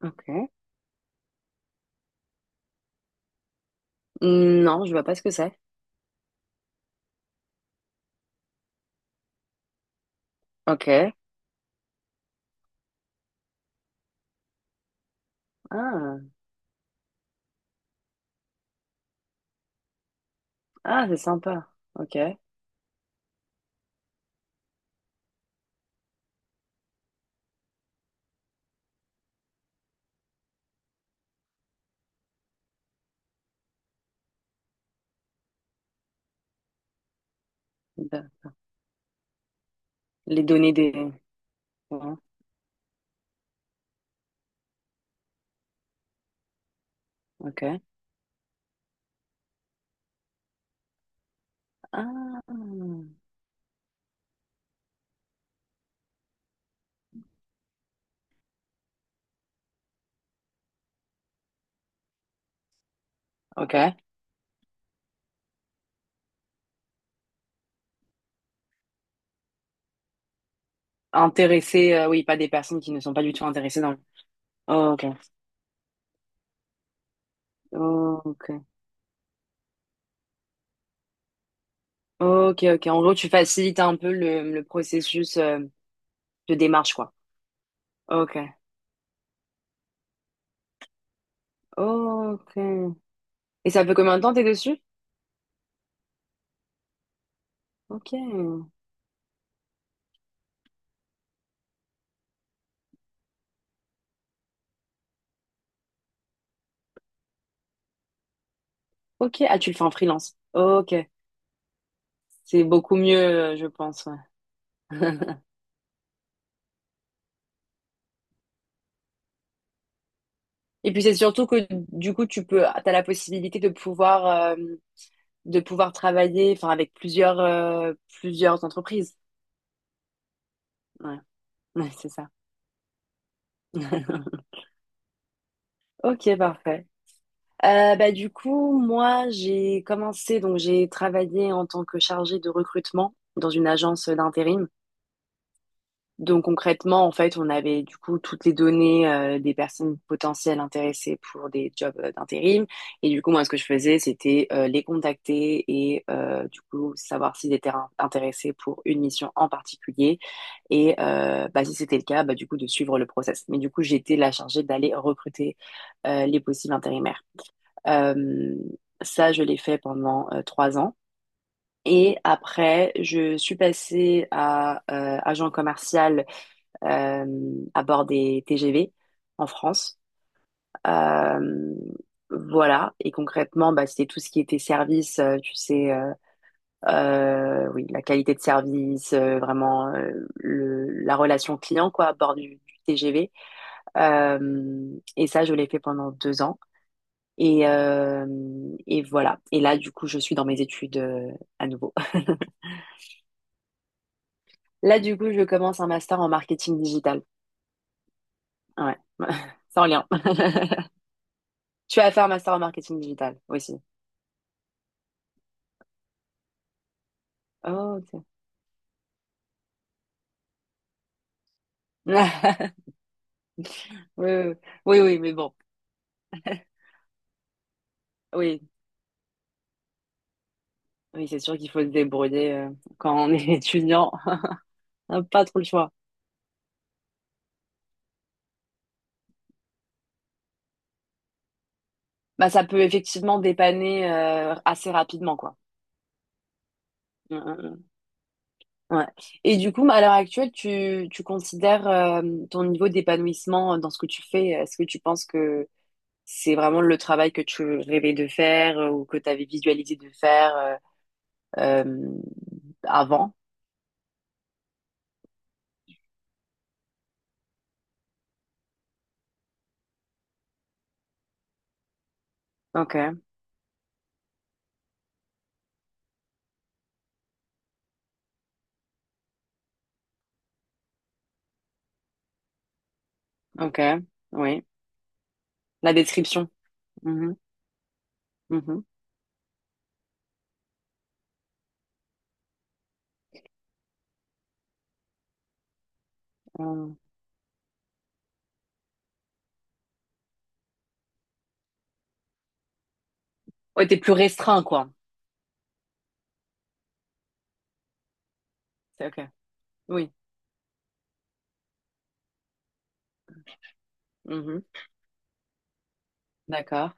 Ok. Non, je vois pas ce que c'est. Ok. Ah, ah, c'est sympa. Ok. De- Les données des. Ouais. Ok. Ah. Ok. Intéressés, oui, pas des personnes qui ne sont pas du tout intéressées dans le. Oh, ok. Ok. Ok, ok. En gros, tu facilites un peu le processus de démarche, quoi. Ok. Ok. Et ça fait combien de temps t'es dessus? Ok. Ok. Ah, tu le fais en freelance. Ok. C'est beaucoup mieux, je pense. Ouais. Et puis c'est surtout que du coup tu peux t'as la possibilité de pouvoir travailler enfin avec plusieurs plusieurs entreprises. Ouais, Ouais, c'est ça. Ok, parfait. Du coup, moi, j'ai commencé, donc j'ai travaillé en tant que chargée de recrutement dans une agence d'intérim. Donc concrètement, en fait, on avait du coup toutes les données des personnes potentielles intéressées pour des jobs d'intérim. Et du coup, moi, ce que je faisais, c'était les contacter et du coup savoir s'ils étaient intéressés pour une mission en particulier. Et si c'était le cas, bah, du coup, de suivre le process. Mais du coup, j'étais la chargée d'aller recruter les possibles intérimaires. Euh, ça, je l'ai fait pendant trois ans. Et après, je suis passée à agent commercial à bord des TGV en France. Euh, voilà. Et concrètement, bah, c'était tout ce qui était service, oui, la qualité de service, vraiment le, la relation client, quoi, à bord du TGV. Et ça, je l'ai fait pendant deux ans. Et, euh, et voilà. Et là, du coup, je suis dans mes études à nouveau. Là, du coup, je commence un master en marketing digital. Ouais, sans lien. Tu vas faire un master en marketing digital aussi. Oh, ok. Oui, oui, oui, oui, mais bon. Oui, oui, c'est sûr qu'il faut se débrouiller quand on est étudiant. On n'a pas trop le choix. Bah, ça peut effectivement dépanner assez rapidement, quoi. Mm, mm, mm. Ouais. Et du coup, à l'heure actuelle, tu considères ton niveau d'épanouissement dans ce que tu fais? Est-ce que tu penses que c'est vraiment le travail que tu rêvais de faire ou que tu avais visualisé de faire euh, avant? Ok, ok, oui. La description. Mmh mh. Mmh Mmh. Ouais, tu plus restreint, quoi. C'est OK. Oui. Mmh D'accord.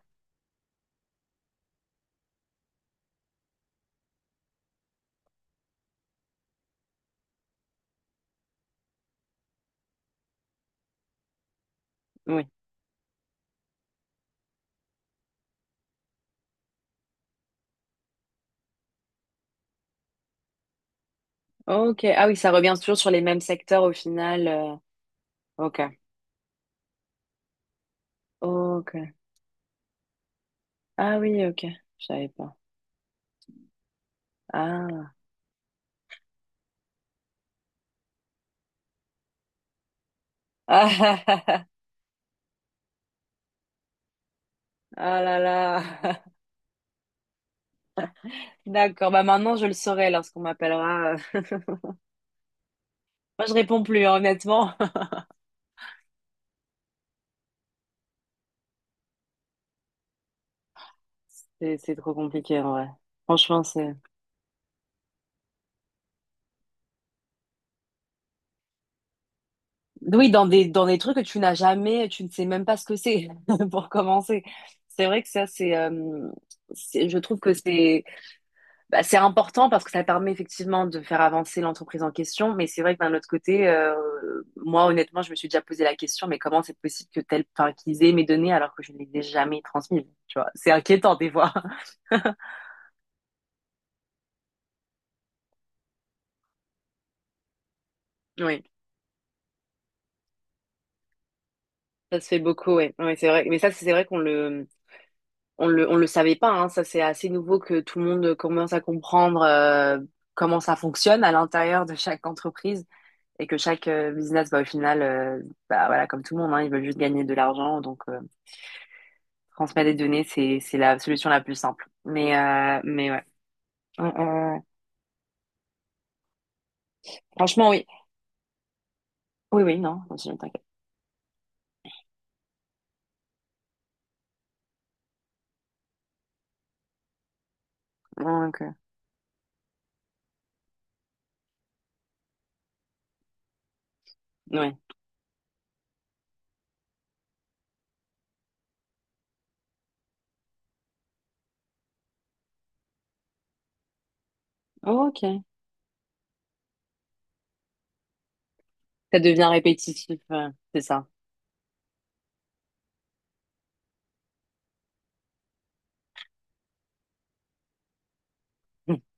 Oui. OK. Ah oui, ça revient toujours sur les mêmes secteurs au final. OK. OK. Ah oui, OK. Je savais pas. Ah. Ah, ah, ah, ah. Ah là là. D'accord. Bah maintenant, je le saurai lorsqu'on m'appellera. Moi, je réponds plus, hein, honnêtement. C'est trop compliqué, en vrai. Franchement, c'est... Oui, dans dans des trucs que tu n'as jamais, tu ne sais même pas ce que c'est, pour commencer. C'est vrai que ça, je trouve que c'est important parce que ça permet effectivement de faire avancer l'entreprise en question. Mais c'est vrai que d'un autre côté, moi, honnêtement, je me suis déjà posé la question, mais comment c'est possible que tel, enfin, qu'ils aient mes données alors que je ne les ai jamais transmises, tu vois? C'est inquiétant, des fois. Oui, ça se fait beaucoup, ouais. Ouais, c'est vrai. Mais ça, c'est vrai qu'on on le savait pas, hein, ça c'est assez nouveau que tout le monde commence à comprendre comment ça fonctionne à l'intérieur de chaque entreprise et que chaque business, au final, voilà, comme tout le monde, hein, ils veulent juste gagner de l'argent, donc transmettre des données, c'est la solution la plus simple. Mais ouais, Euh, euh, franchement, oui. Oui, oui, non, je t'inquiète. Donc, ouais. Ok. Ça devient répétitif, c'est ça.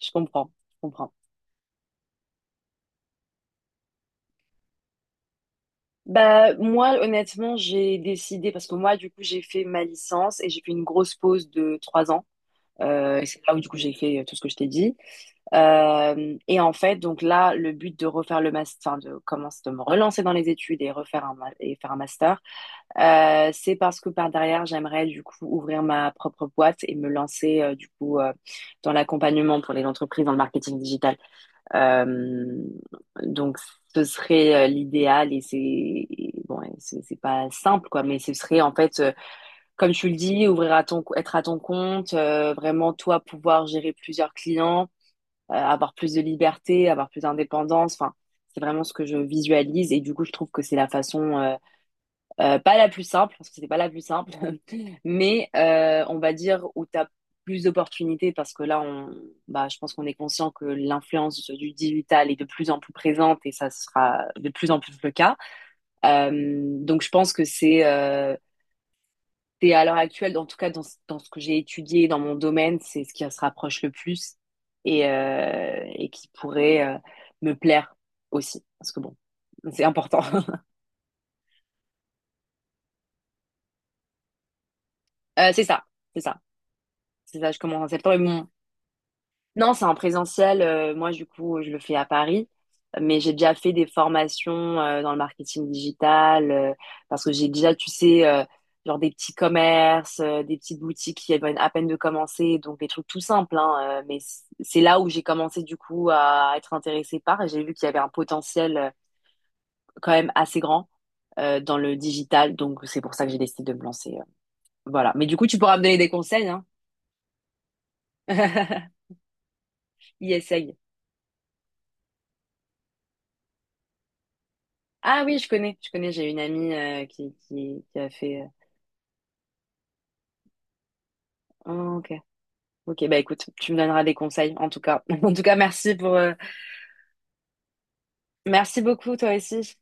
Je comprends, je comprends. Bah, moi, honnêtement, j'ai décidé, parce que moi, du coup, j'ai fait ma licence et j'ai fait une grosse pause de trois ans. Et c'est là où, du coup, j'ai fait tout ce que je t'ai dit. Et en fait, donc là, le but de refaire le master, enfin, de commencer, de me relancer dans les études et refaire et faire un master, c'est parce que par derrière, j'aimerais, du coup, ouvrir ma propre boîte et me lancer, dans l'accompagnement pour les entreprises dans le marketing digital. Euh, donc, ce serait l'idéal et c'est et bon, et c'est pas simple quoi, mais ce serait en fait, comme tu le dis, ouvrir à ton, être à ton compte, vraiment toi pouvoir gérer plusieurs clients, avoir plus de liberté, avoir plus d'indépendance. Enfin, c'est vraiment ce que je visualise et du coup, je trouve que c'est la façon pas la plus simple, parce que c'était pas la plus simple, mais on va dire où tu as plus d'opportunités, parce que là, on, bah, je pense qu'on est conscient que l'influence du digital est de plus en plus présente et ça sera de plus en plus le cas. Euh, donc je pense que c'est à l'heure actuelle, en tout cas dans, dans ce que j'ai étudié, dans mon domaine, c'est ce qui se rapproche le plus et qui pourrait me plaire aussi, parce que bon, c'est important. C'est ça, c'est ça. C'est ça, je commence en septembre. Non, c'est en présentiel. Moi, du coup, je le fais à Paris, mais j'ai déjà fait des formations dans le marketing digital parce que j'ai déjà, tu sais, genre des petits commerces, des petites boutiques qui viennent à peine de commencer, donc des trucs tout simples, hein, mais c'est là où j'ai commencé, du coup, à être intéressée par et j'ai vu qu'il y avait un potentiel quand même assez grand dans le digital, donc c'est pour ça que j'ai décidé de me lancer. Voilà. Mais du coup, tu pourras me donner des conseils, hein. Yes, Ah oui, je connais, j'ai une amie qui a fait... oh, ok, ok, bah écoute, tu me donneras des conseils en tout cas. En tout cas, merci pour... Merci beaucoup toi aussi.